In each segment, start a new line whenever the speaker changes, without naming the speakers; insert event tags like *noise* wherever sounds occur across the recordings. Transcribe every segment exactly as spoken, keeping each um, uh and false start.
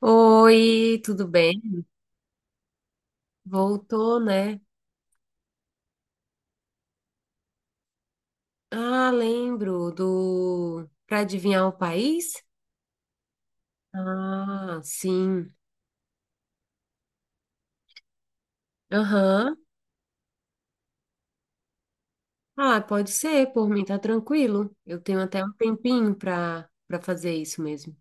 Oi, tudo bem? Voltou, né? Ah, lembro do Para adivinhar o país? Ah, sim. Aham. Ah, pode ser, por mim tá tranquilo. Eu tenho até um tempinho para para fazer isso mesmo.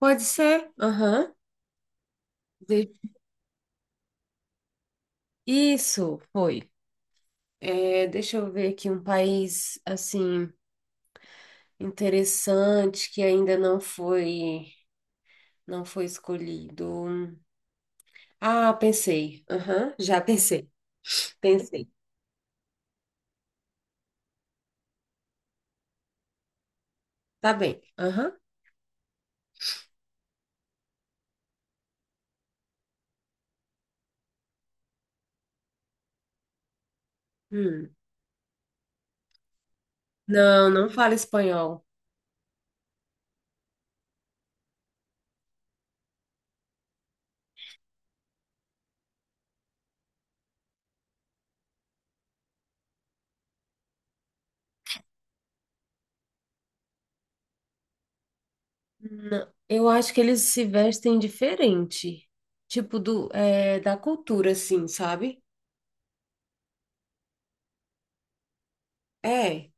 Pode ser? Aham. De- Isso foi. É, deixa eu ver aqui um país assim interessante que ainda não foi não foi escolhido. Ah, pensei. Aham, já *laughs* pensei. Pensei. Tá bem. Aham. Hum. Não, não fala espanhol. Não. Eu acho que eles se vestem diferente. Tipo, do, é, da cultura, assim, sabe? É.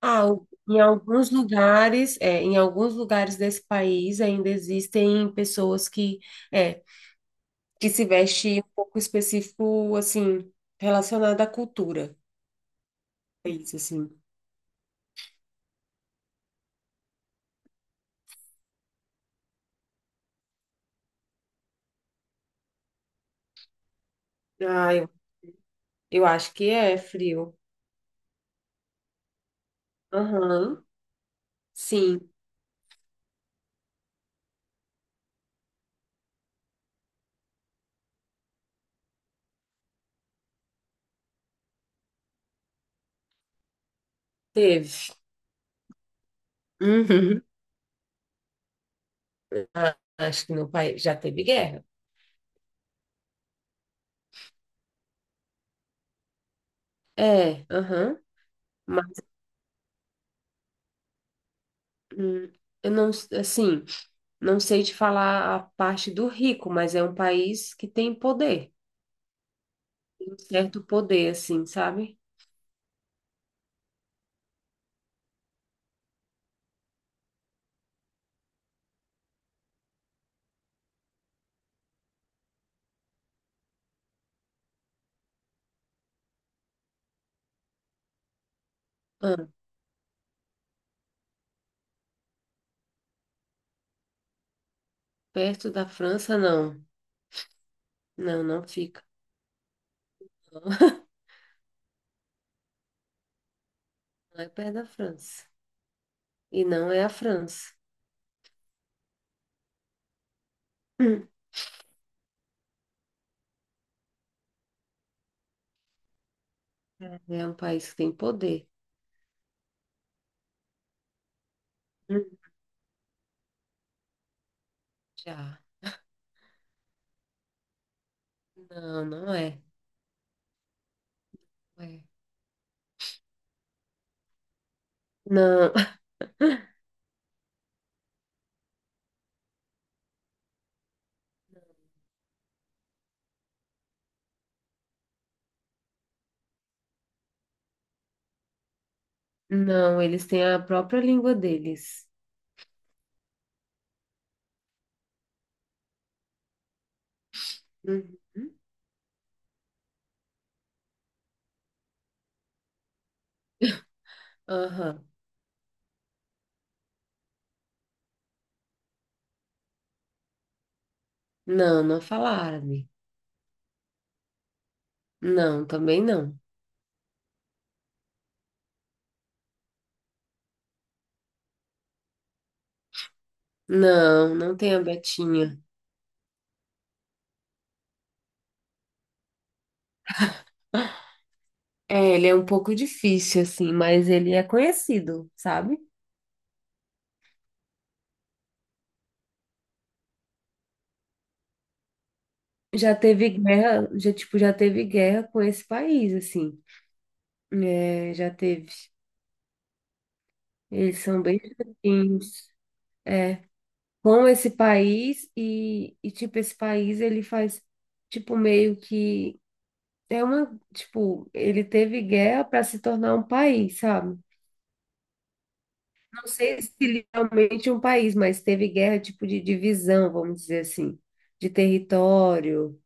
Ah, o- em alguns lugares, é, em alguns lugares desse país ainda existem pessoas que, é, que se vestem um pouco específico, assim, relacionado à cultura. É isso, assim. Ah, eu, eu acho que é frio. Aham. Sim, teve. Uhum. Ah, acho que no país já teve guerra. É, aham. Mas hum, eu não, assim, não sei te falar a parte do rico, mas é um país que tem poder, tem um certo poder, assim, sabe? Ah, perto da França, não. Não, não fica. Não, *laughs* Não é perto da França. E não é a França. Hum. É um país que tem poder. Hum, Já. Não, não é. Não, é. Não, *laughs* não, eles têm a própria língua deles. Uhum. Aham. Não, não fala árabe. Não, também não. Não, não tem a Betinha. É, ele é um pouco difícil, assim, mas ele é conhecido, sabe? Já teve guerra, já, tipo, já teve guerra com esse país, assim. É, já teve. Eles são bem chatinhos com esse país e, e, tipo, esse país, ele faz, tipo, meio que... É uma, tipo, ele teve guerra para se tornar um país, sabe? Não sei se literalmente um país, mas teve guerra tipo de divisão, vamos dizer assim, de território.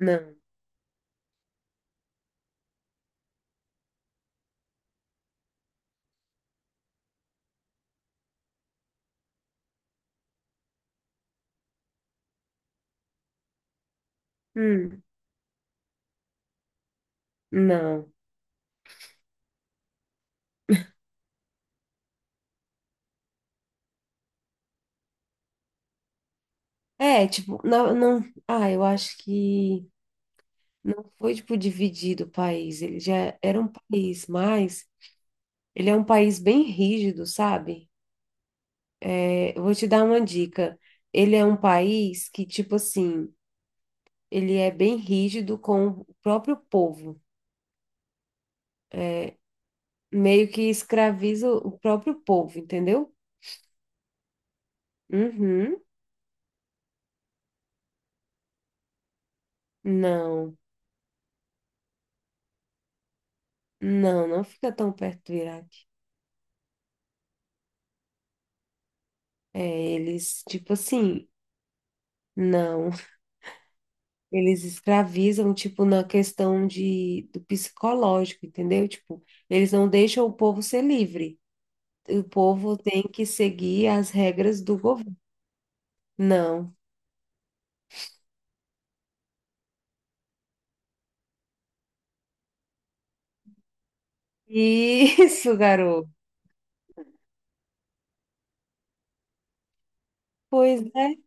Não. Hum, não. É, tipo, não, não. Ah, eu acho que não foi tipo dividido o país. Ele já era um país, mas ele é um país bem rígido, sabe? É, eu vou te dar uma dica. Ele é um país que, tipo assim, ele é bem rígido com o próprio povo. Meio que escraviza o próprio povo, entendeu? Uhum. Não, não, não fica tão perto do Iraque. É, eles, tipo assim, não, eles escravizam, tipo, na questão de, do psicológico, entendeu? Tipo, eles não deixam o povo ser livre. O povo tem que seguir as regras do governo. Não. *laughs* Isso, garoto. Pois é,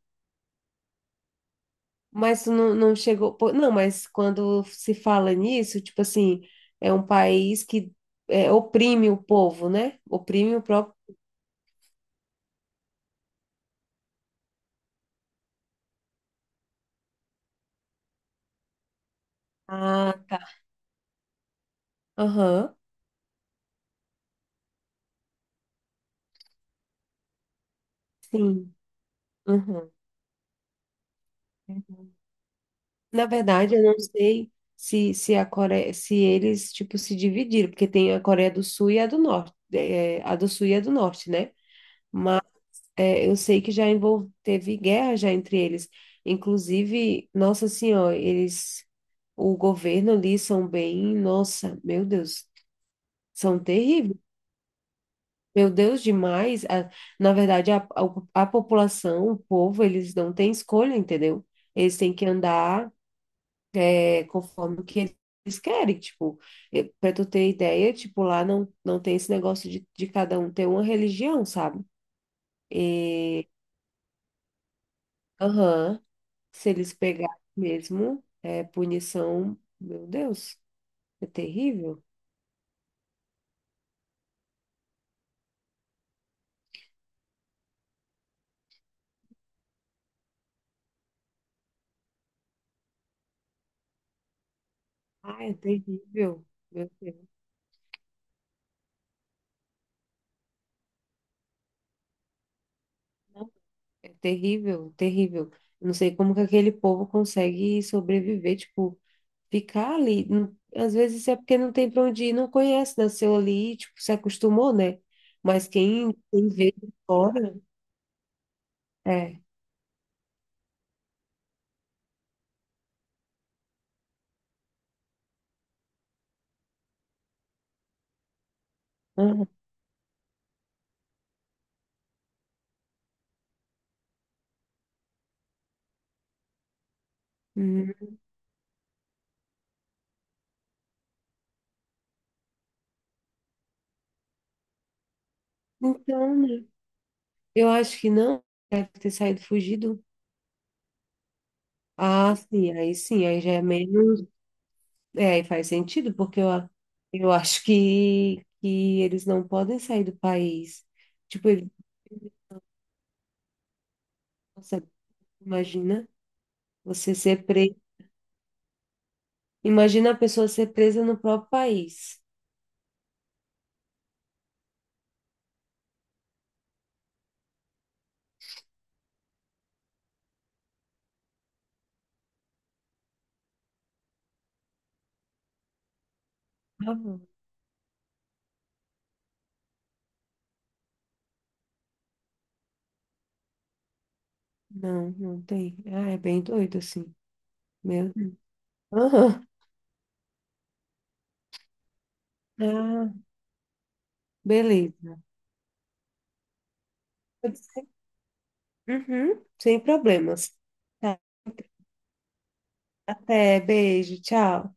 mas tu não, não chegou. Pô, não, mas quando se fala nisso, tipo assim, é um país que é, oprime o povo, né? Oprime o próprio. Ah, aham, sim. Aham. Uhum. Na verdade, eu não sei se, se a Coreia, se eles, tipo, se dividiram, porque tem a Coreia do Sul e a do Norte, é, a do Sul e a do Norte, né? Mas é, eu sei que já envol- teve guerra já entre eles. Inclusive, nossa senhora, eles, o governo ali são bem, nossa, meu Deus, são terríveis. Meu Deus, demais. A- na verdade, a, a, a população, o povo, eles não têm escolha, entendeu? Eles têm que andar é, conforme o que eles querem. Tipo, para tu ter ideia, tipo, lá não, não tem esse negócio de, de cada um ter uma religião, sabe? Aham. Se eles pegarem mesmo, é punição, meu Deus, é terrível. Ah, é terrível. Meu Deus, não, é terrível, terrível. Eu não sei como que aquele povo consegue sobreviver, tipo, ficar ali, não- às vezes é porque não tem para onde ir, não conhece, nasceu ali, tipo, se acostumou, né? Mas quem, quem vê de fora, é. Aham. Hum. Então, né? Eu acho que não deve ter saído fugido. Ah, sim, aí sim, aí já é menos. É, aí faz sentido, porque eu, a- eu acho que, que eles não podem sair do país. Tipo, eles, nossa, imagina você ser preso. Imagina a pessoa ser presa no próprio país. Não, não tem. Ah, é bem doido, assim. Meu. Aham. Ah, beleza. Pode ser? Uhum, sem problemas. Tá. Até, beijo, tchau.